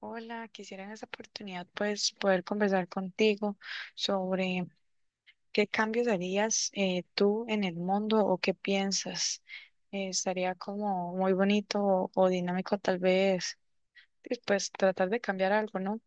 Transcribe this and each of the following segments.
Hola, quisiera en esta oportunidad pues poder conversar contigo sobre qué cambios harías tú en el mundo o qué piensas. Estaría como muy bonito o dinámico tal vez, y, pues tratar de cambiar algo, ¿no?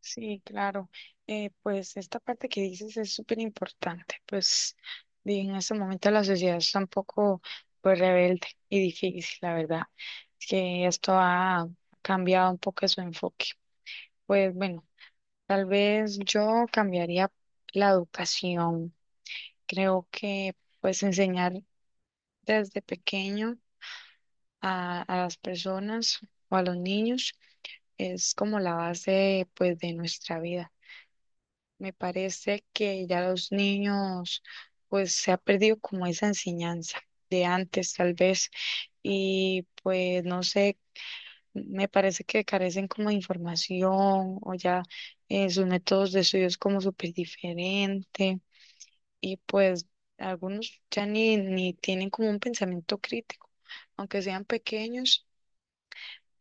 Sí, claro. Pues esta parte que dices es súper importante. Pues y en este momento la sociedad está un poco pues rebelde y difícil, la verdad. Es que esto ha cambiado un poco su enfoque. Pues bueno. Tal vez yo cambiaría la educación. Creo que pues enseñar desde pequeño a las personas o a los niños es como la base pues de nuestra vida. Me parece que ya los niños pues se ha perdido como esa enseñanza de antes tal vez y pues no sé, me parece que carecen como de información o ya sus métodos de estudio es como súper diferente. Y pues algunos ya ni tienen como un pensamiento crítico, aunque sean pequeños,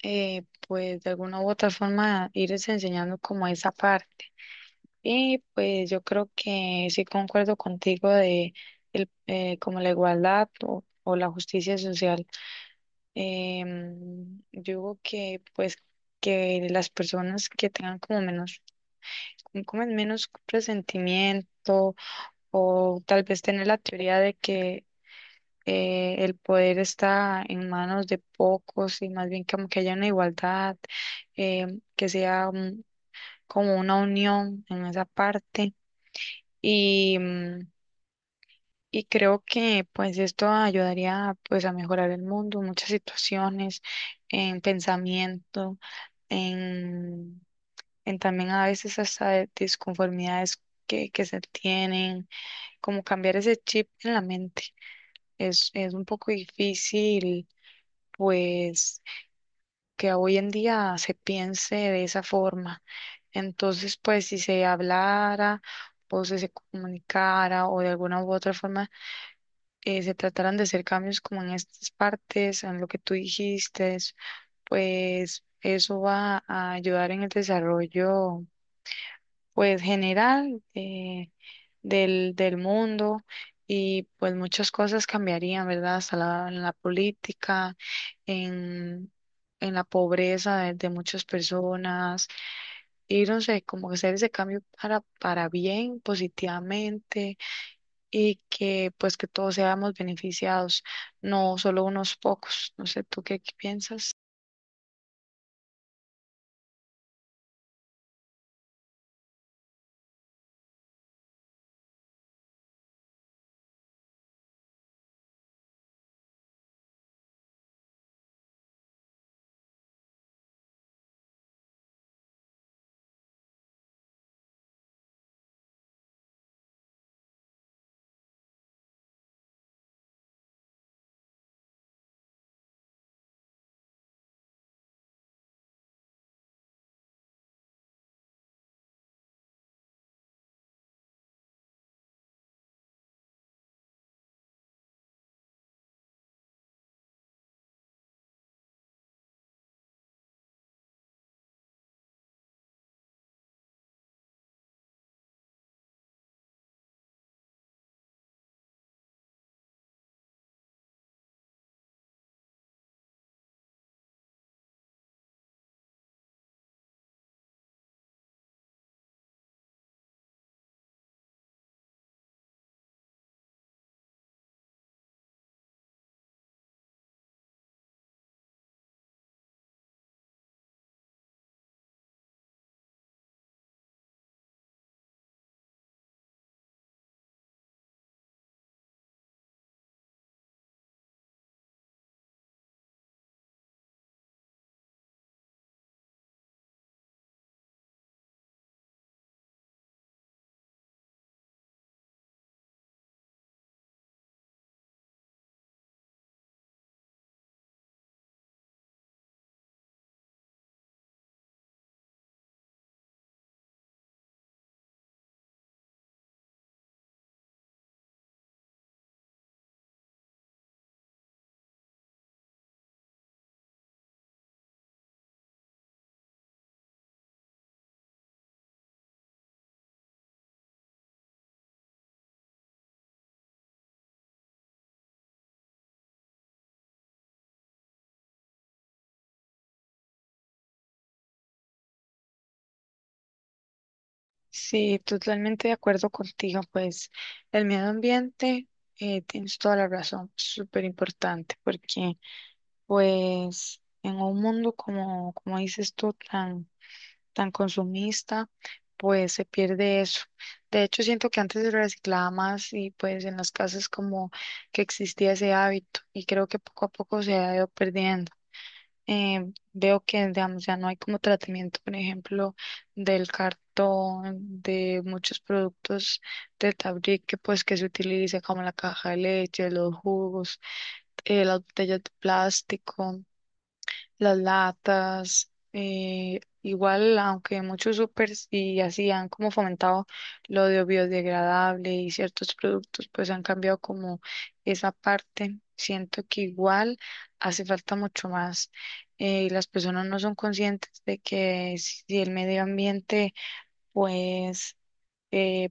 pues de alguna u otra forma irles enseñando como esa parte. Y pues yo creo que sí concuerdo contigo de como la igualdad o la justicia social. Yo digo que pues que las personas que tengan como menos presentimiento o tal vez tener la teoría de que el poder está en manos de pocos y más bien como que haya una igualdad, que sea como una unión en esa parte. Y, mm, y creo que pues esto ayudaría pues a mejorar el mundo en muchas situaciones, en pensamiento, en, en también a veces hasta de disconformidades que se tienen, como cambiar ese chip en la mente. Es un poco difícil, pues que hoy en día se piense de esa forma. Entonces, pues si se hablara o si se comunicara o de alguna u otra forma se trataran de hacer cambios como en estas partes, en lo que tú dijiste, pues eso va a ayudar en el desarrollo pues del mundo y pues muchas cosas cambiarían, ¿verdad? Hasta la, en la política, en, en la pobreza de muchas personas y no sé, como que hacer ese cambio para bien, positivamente y que pues que todos seamos beneficiados, no solo unos pocos. No sé, ¿tú qué piensas? Sí, totalmente de acuerdo contigo, pues el medio ambiente, tienes toda la razón, súper importante, porque pues en un mundo como, como dices tú, tan, tan consumista, pues se pierde eso. De hecho, siento que antes se reciclaba más y pues en las casas como que existía ese hábito y creo que poco a poco se ha ido perdiendo. Veo que, digamos, ya no hay como tratamiento, por ejemplo, del cartón, de muchos productos de tabrique, pues que se utiliza como la caja de leche, los jugos, las botellas de plástico, las latas, igual, aunque muchos supers y así han como fomentado lo de biodegradable y ciertos productos, pues han cambiado como esa parte. Siento que igual hace falta mucho más. Y las personas no son conscientes de que si el medio ambiente pues eh,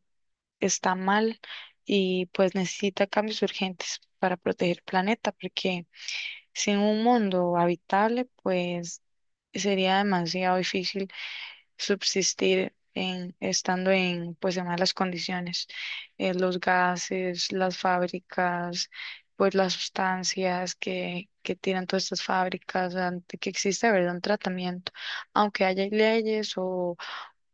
está mal y pues necesita cambios urgentes para proteger el planeta, porque sin un mundo habitable, pues sería demasiado difícil subsistir en, estando en, pues, en malas condiciones. Los gases, las fábricas, pues las sustancias que tiran todas estas fábricas, ante que existe, ¿verdad? Un tratamiento. Aunque haya leyes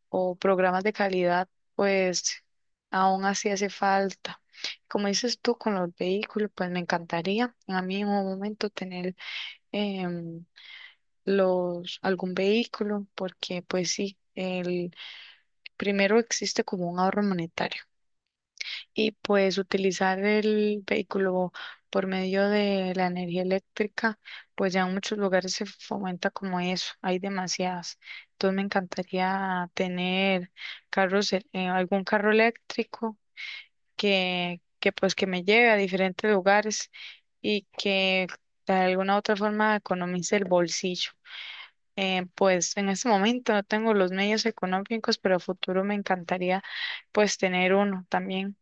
o programas de calidad, pues aún así hace falta. Como dices tú con los vehículos, pues me encantaría a mí en un momento tener em, los, algún vehículo, porque pues sí, el primero existe como un ahorro monetario y pues utilizar el vehículo por medio de la energía eléctrica, pues ya en muchos lugares se fomenta como eso, hay demasiadas. Entonces me encantaría tener carros, algún carro eléctrico que pues que me lleve a diferentes lugares y que de alguna u otra forma economice el bolsillo. Pues en este momento no tengo los medios económicos, pero a futuro me encantaría pues tener uno también.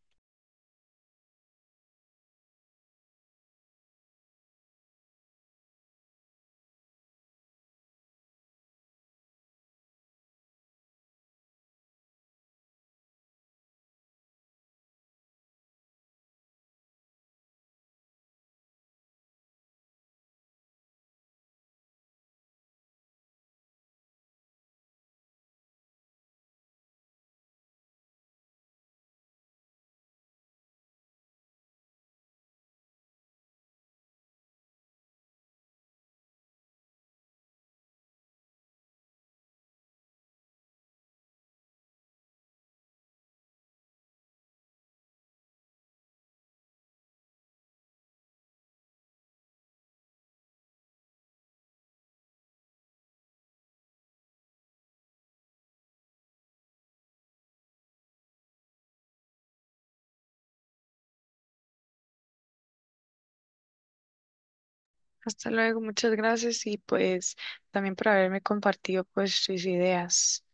Hasta luego, muchas gracias y pues también por haberme compartido pues sus ideas.